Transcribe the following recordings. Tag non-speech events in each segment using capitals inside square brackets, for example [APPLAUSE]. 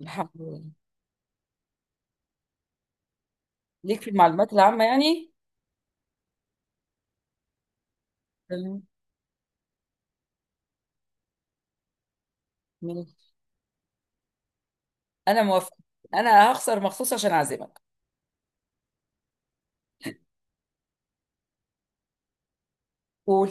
الحمد لله. ليك في المعلومات العامة يعني. تمام. ماشي. أنا موافقة. أنا هخسر مخصوص عشان أعزمك. قول.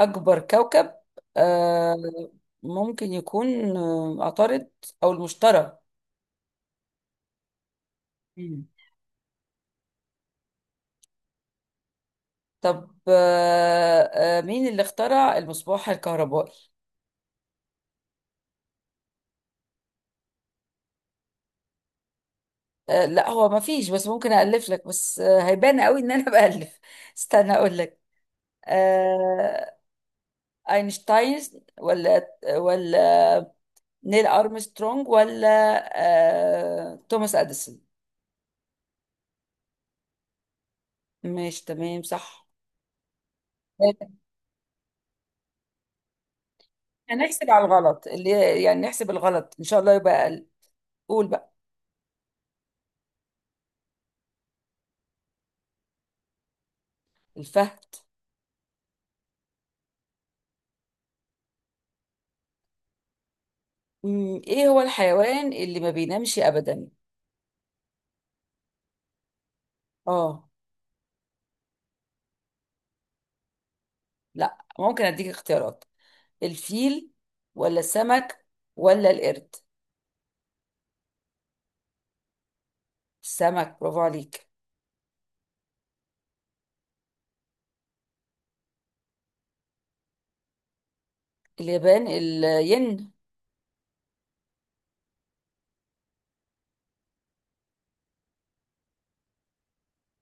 أكبر كوكب. آه ممكن يكون عطارد أو المشتري. مم. طب مين اللي اخترع المصباح الكهربائي؟ لا، هو ما فيش، بس ممكن ألف لك، بس هيبان قوي إن أنا بألف. [LAUGHS] استنى أقول لك. آه أينشتاين، ولا ولا نيل أرمسترونج، ولا توماس أديسون. ماشي، تمام، صح. هنحسب على الغلط، اللي يعني نحسب الغلط إن شاء الله يبقى أقل. قول بقى. الفهد. إيه هو الحيوان اللي ما بينامش أبدا؟ آه لا، ممكن أديك اختيارات. الفيل ولا السمك ولا القرد؟ السمك، برافو عليك. اليابان، الين.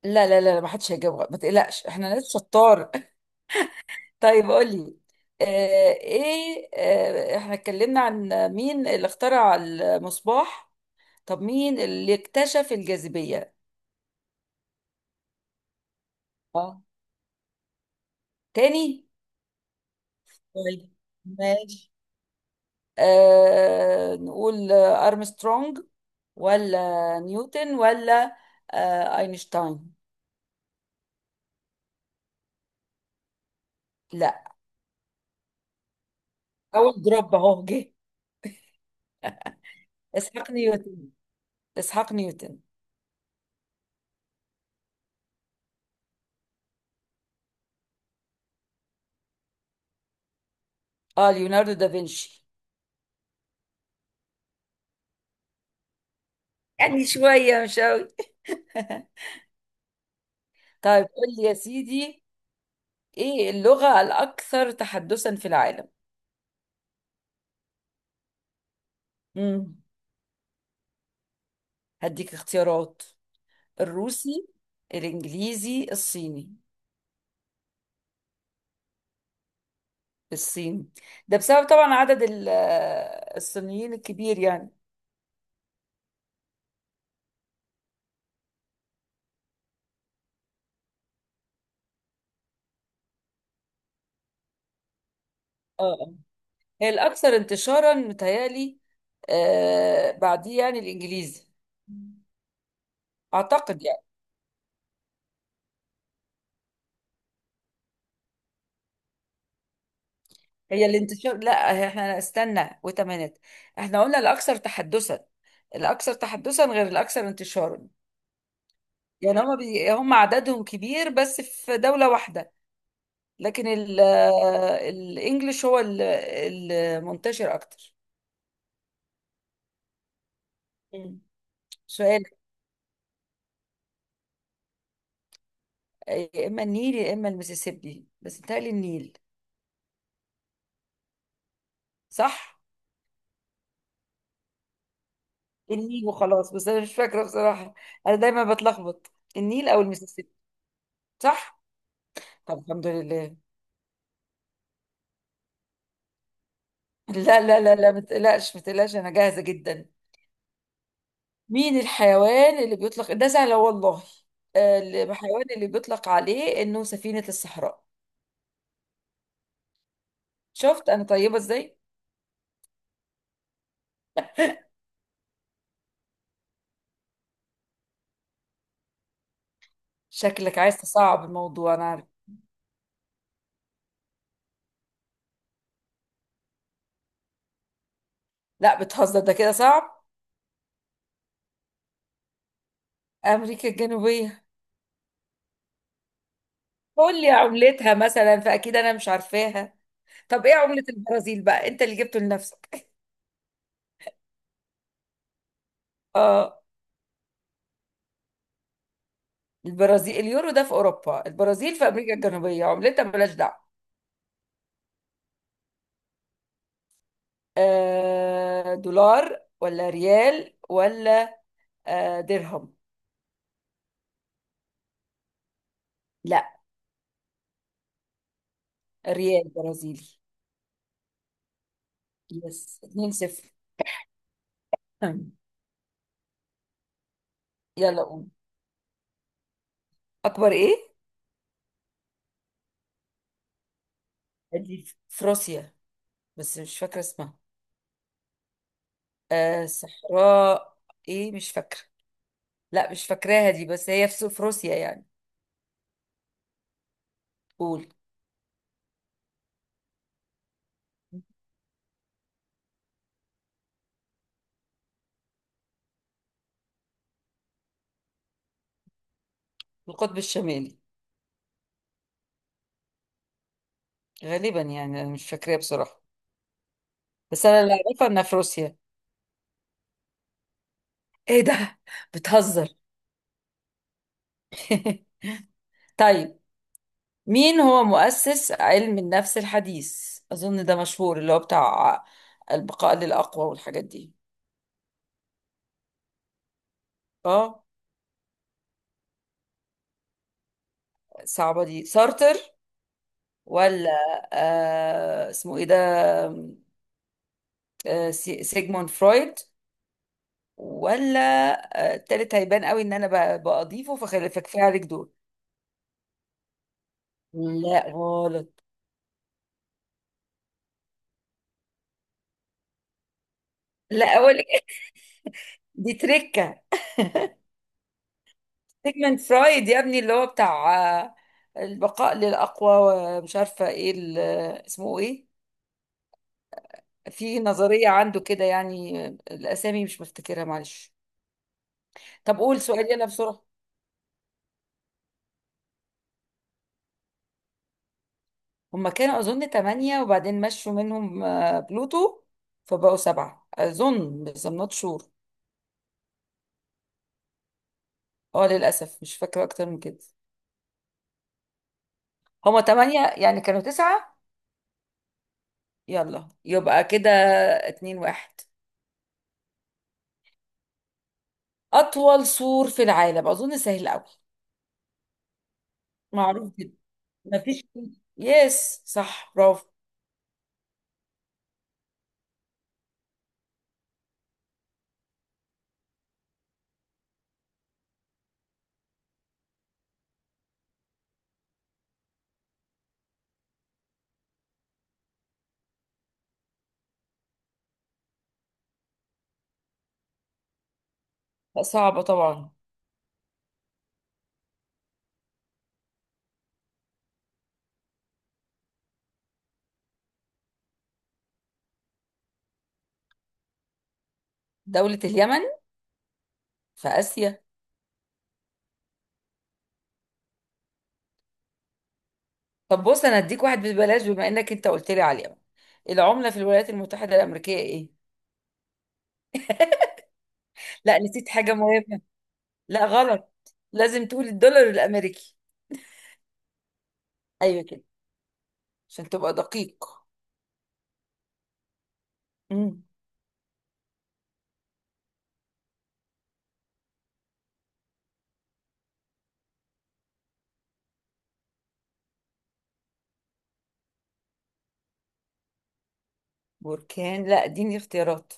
لا لا لا لا، ما حدش هيجاوب غلط. ما تقلقش، احنا ناس شطار. طيب قولي. آه، ايه احنا اتكلمنا عن مين اللي اخترع المصباح. طب مين اللي اكتشف الجاذبية؟ اه. تاني. طيب ماشي. نقول أرمسترونج، ولا نيوتن، ولا أينشتاين؟ لا. أول دروب أهو جه. اسحاق نيوتن، إسحاق نيوتن. اه، ليوناردو دافنشي. يعني شوية، مش أوي. [LAUGHS] طيب قول لي يا سيدي. ايه اللغة الأكثر تحدثا في العالم؟ مم. هديك اختيارات. الروسي، الإنجليزي، الصيني. الصين، ده بسبب طبعا عدد الصينيين الكبير يعني. اه، هي الأكثر انتشارا متهيألي. بعديه يعني الإنجليزي. أعتقد يعني. هي الانتشار لا. احنا استنى وتمانيت. احنا قلنا الأكثر تحدثا. الأكثر تحدثا غير الأكثر انتشارا. يعني هم هم عددهم كبير بس في دولة واحدة. لكن ال... الانجليش هو المنتشر اكتر. مم. سؤال. يا اما النيل يا اما المسيسيبي، بس بيتهيألي النيل. صح. النيل وخلاص، بس انا مش فاكرة بصراحة. انا دايما بتلخبط. النيل او المسيسيبي. صح. طب الحمد لله. [LAUGHS] لا لا لا لا، ما تقلقش، ما تقلقش، انا جاهزة جدا. مين الحيوان اللي بيطلق، ده سهلة والله. الحيوان اللي بيطلق عليه انه سفينة الصحراء. شفت انا طيبه ازاي. شكلك عايز تصعب الموضوع، انا عارف. لا، بتهزر، ده كده صعب. امريكا الجنوبيه. قول لي عملتها مثلا، فاكيد انا مش عارفاها. طب ايه عمله البرازيل بقى؟ انت اللي جبته لنفسك. [LAUGHS] اه، البرازيل اليورو؟ ده في اوروبا، البرازيل في امريكا الجنوبيه. عملتها بلاش دعوه. دولار، ولا ريال، ولا درهم. لا. ريال برازيلي. يس، 2-0. [LAUGHS] يلا قوم. اكبر ايه؟ دي في روسيا، بس مش فاكرة اسمها. صحراء ايه، مش فاكرة. لا، مش فاكراها دي، بس هي في روسيا يعني. قول. في القطب الشمالي غالبا، يعني انا مش فاكراها بصراحة. بس انا اللي اعرفها انها في روسيا. ايه ده، بتهزر. [LAUGHS] طيب، مين هو مؤسس علم النفس الحديث؟ اظن ده مشهور، اللي هو بتاع البقاء للأقوى والحاجات دي. اه، صعبة دي. سارتر، ولا اسمه ايه ده، سيجموند فرويد، ولا التالت هيبان قوي ان انا بأضيفه، فكفايه عليك دول. لا، غلط. لا، اقول لك إيه، دي تركه. سيجمنت فرايد، يا ابني، اللي هو بتاع آه، البقاء للاقوى، ومش عارفه ايه اسمه ايه. في نظريه عنده كده، يعني الاسامي مش مفتكرها، معلش. طب قول سؤال، يلا بسرعه. هما كانوا اظن ثمانية، وبعدين مشوا منهم بلوتو، فبقوا سبعة اظن، بس I'm not sure. اه، للاسف مش فاكره اكتر من كده. هما تمانية، يعني كانوا تسعة. يلا يبقى كده، 2-1. أطول سور في العالم، أظن سهل أوي. معروف جدا، مفيش. يس، صح، برافو. لا، صعبة طبعا. دولة اليمن في آسيا. طب بص، أنا هديك واحد ببلاش، بما إنك أنت قلت لي على اليمن. العملة في الولايات المتحدة الأمريكية إيه؟ [LAUGHS] لا، نسيت حاجة مهمة. لا، غلط. لازم تقول الدولار الأمريكي. أيوة كده، عشان تبقى دقيق. مم. بركان، لا اديني اختيارات.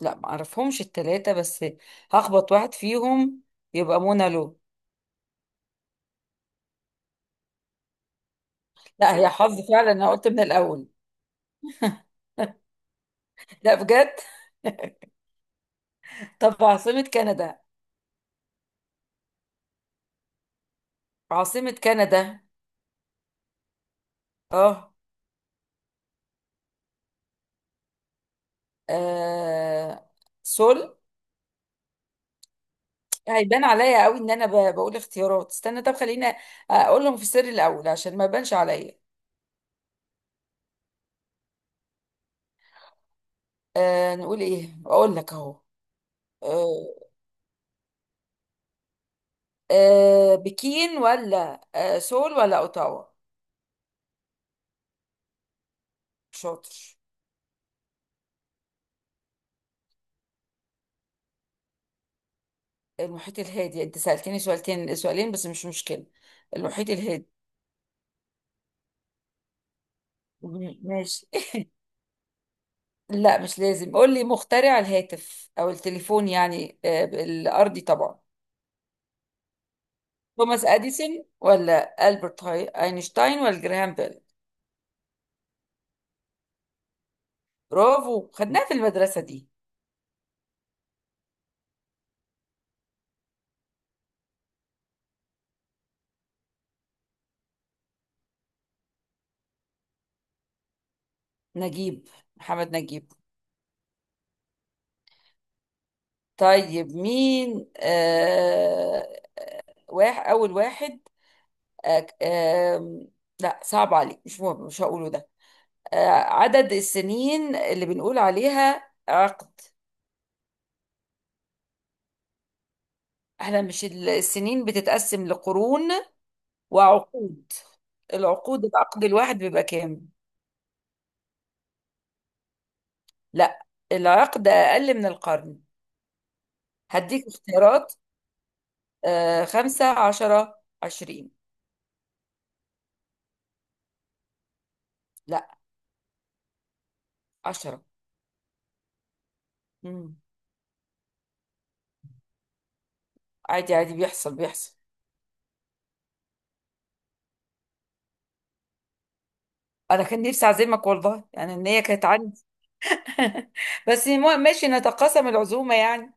لا معرفهمش التلاتة، بس هخبط واحد فيهم، يبقى منى لو. لا، هي حظ فعلا، انا قلت من الاول. لا، بجد. [LAUGHS] طب، عاصمة كندا؟ عاصمة كندا؟ اه. آه، سول؟ هيبان عليا قوي ان انا بقول اختيارات. استنى، طب خلينا اقولهم في السر الاول، عشان ما يبانش عليا. نقول ايه، اقول لك اهو. آه بكين، ولا سول، ولا اوتاوا؟ شاطر. المحيط الهادي. انت سألتني سؤالتين، سؤالين بس، مش مشكلة. المحيط الهادي. ماشي. [LAUGHS] لا، مش لازم. قول لي مخترع الهاتف او التليفون، يعني الارضي طبعا. توماس اديسون، ولا اينشتاين، ولا جراهام بيل؟ برافو، خدناها في المدرسة دي. نجيب. محمد نجيب. طيب، مين واحد اول واحد؟ آه آه لا، صعب عليك، مش مهم، مش هقوله ده. عدد السنين اللي بنقول عليها عقد. احنا مش السنين بتتقسم لقرون وعقود. العقد الواحد بيبقى كام؟ لا. العقد اقل من القرن. هديك اختيارات. خمسة، 10، 20. لا. 10. مم. عادي عادي، بيحصل بيحصل. انا كان نفسي اعزمك والله، يعني ان هي كانت عندي. [LAUGHS] بس ماشي، نتقاسم العزومة يعني.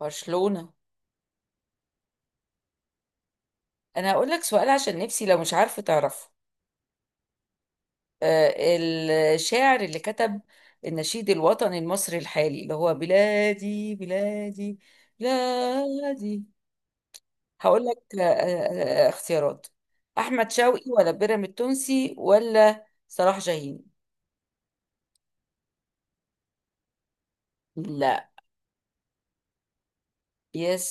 برشلونة. انا هقول لك سؤال، عشان نفسي لو مش عارفة تعرفه. آه، الشاعر اللي كتب النشيد الوطني المصري الحالي، اللي هو بلادي بلادي بلادي. هقول لك اختيارات. أحمد شوقي، ولا بيراميد التونسي، ولا صلاح جاهين؟ لا. يس.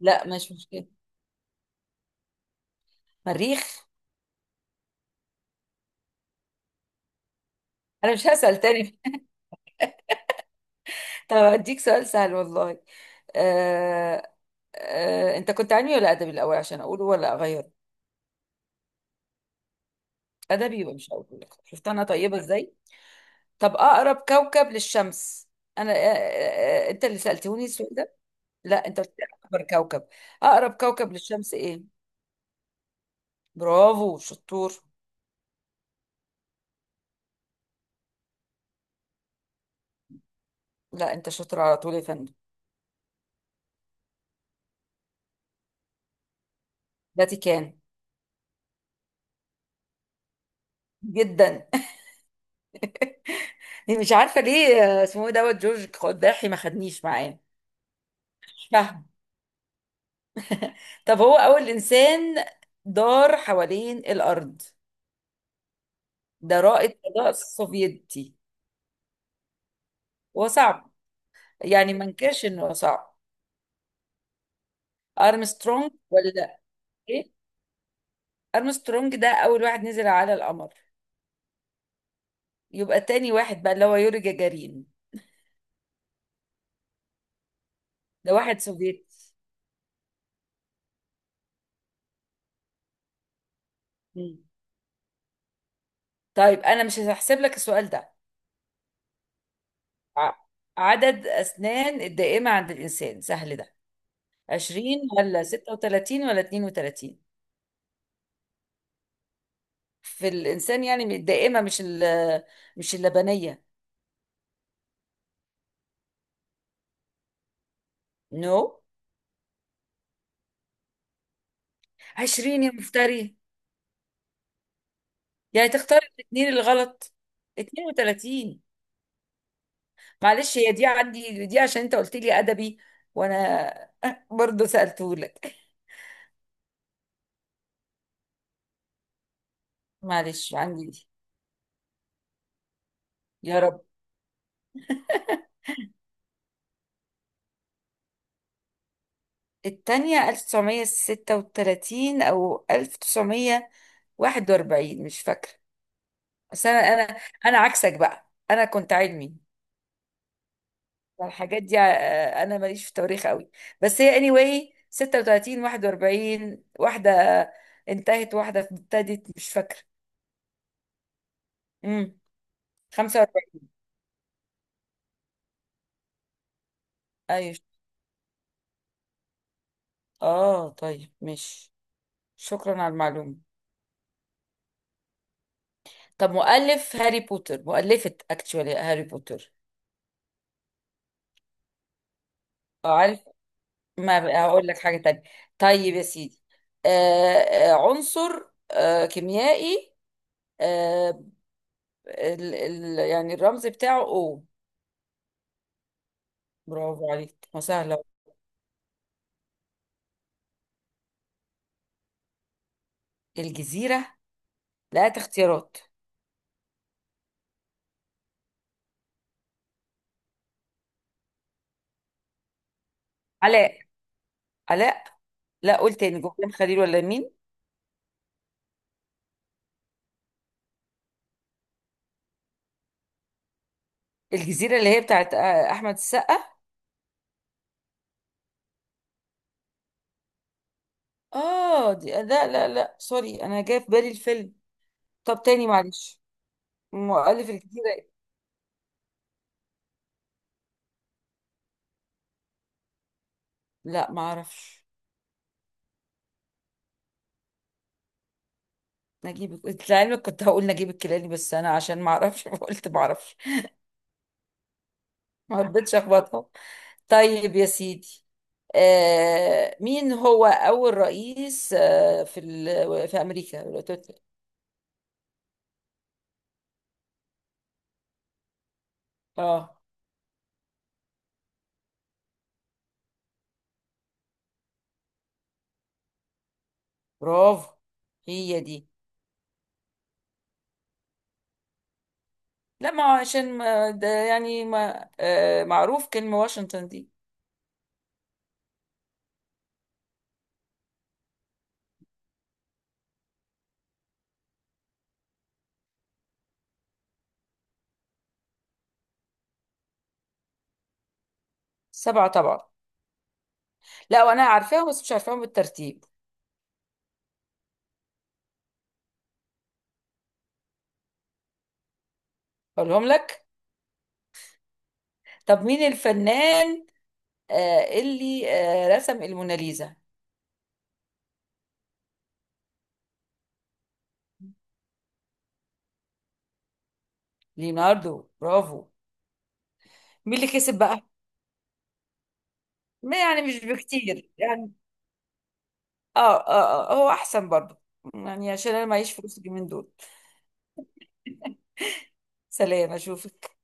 لا، مش مشكلة. مريخ. أنا مش هسأل تاني. [LAUGHS] طب هديك سؤال سهل والله. آه أنت كنت علمي ولا أدبي الأول، عشان أقوله ولا أغيره؟ أدبي، يبقى مش هقوله لك. شفت أنا طيبة إزاي. طب، اقرب كوكب للشمس. انا انت اللي سألتوني السؤال ده. لا، انت قلت لي اكبر كوكب. اقرب كوكب للشمس ايه؟ برافو، شطور. لا، انت شاطر على طول، يا فندم. فاتيكان. جدا. [LAUGHS] مش عارفه ليه، اسمه إيه دوت جورج قداحي ما خدنيش معاه. مش فاهمه. طب هو اول انسان دار حوالين الارض، ده رائد فضاء سوفيتي. هو صعب، يعني ما انكرش انه صعب. ارمسترونج ولا. ايه؟ ارمسترونج ده اول واحد نزل على القمر، يبقى تاني واحد بقى، اللي هو يوري جاجارين. ده واحد سوفيتي. مم. طيب انا مش هحسب لك السؤال ده. ع- عدد اسنان الدائمة عند الانسان، سهل ده. 20 ولا 36 ولا 32؟ في الانسان يعني الدائمة، مش مش اللبنية. نو، no. 20، يا مفتري، يعني تختار الاثنين الغلط. 32. معلش، هي دي عندي دي، عشان انت قلت لي ادبي، وانا [LAUGHS] برضه سالته لك. معلش عندي دي. يا رب. التانية 1936 او 1941، مش فاكره. بس انا عكسك، بقى انا كنت علمي، فالحاجات دي انا ماليش في التواريخ قوي. بس هي اني anyway 36 41، واحده انتهت واحده ابتدت، مش فاكره. امم 45. ايوه. اه، طيب، ماشي. شكرا على المعلومة. طب مؤلف هاري بوتر، مؤلفة اكتشوالي هاري بوتر. عارف، ما بقى هقول لك حاجة تانية. طيب يا سيدي. عنصر كيميائي. آه ال يعني الرمز بتاعه او. برافو عليك، ما سهلة. الجزيرة. لا، اختيارات. علاء. علاء. لا، قول تاني. جوهان خليل ولا مين؟ الجزيرة اللي هي بتاعت أحمد السقا. اه دي، لا لا لا، سوري، أنا جاي في بالي الفيلم. طب تاني، معلش. مؤلف الجزيرة إيه؟ لا، ما اعرفش. نجيب. انت لعلمك كنت هقول نجيب الكيلاني، بس انا عشان ما اعرفش [LAUGHS] قلت ما اعرفش. ما رضيتش اخبطها. طيب يا سيدي. مين هو اول رئيس في في امريكا الولايات المتحدة؟ اه. برافو. هي دي. لا، ما هو عشان ما ده يعني ما معروف كلمة واشنطن دي. سبعة طبعا. لا، وانا عارفاهم، بس مش عارفاهم بالترتيب. اقولهم لك. طب، مين الفنان اللي رسم الموناليزا؟ ليوناردو. برافو. مين اللي كسب بقى؟ ما يعني مش بكتير يعني. اه. اه، هو احسن برضه، يعني عشان انا معيش فلوس اليومين دول. سلام، اشوفك.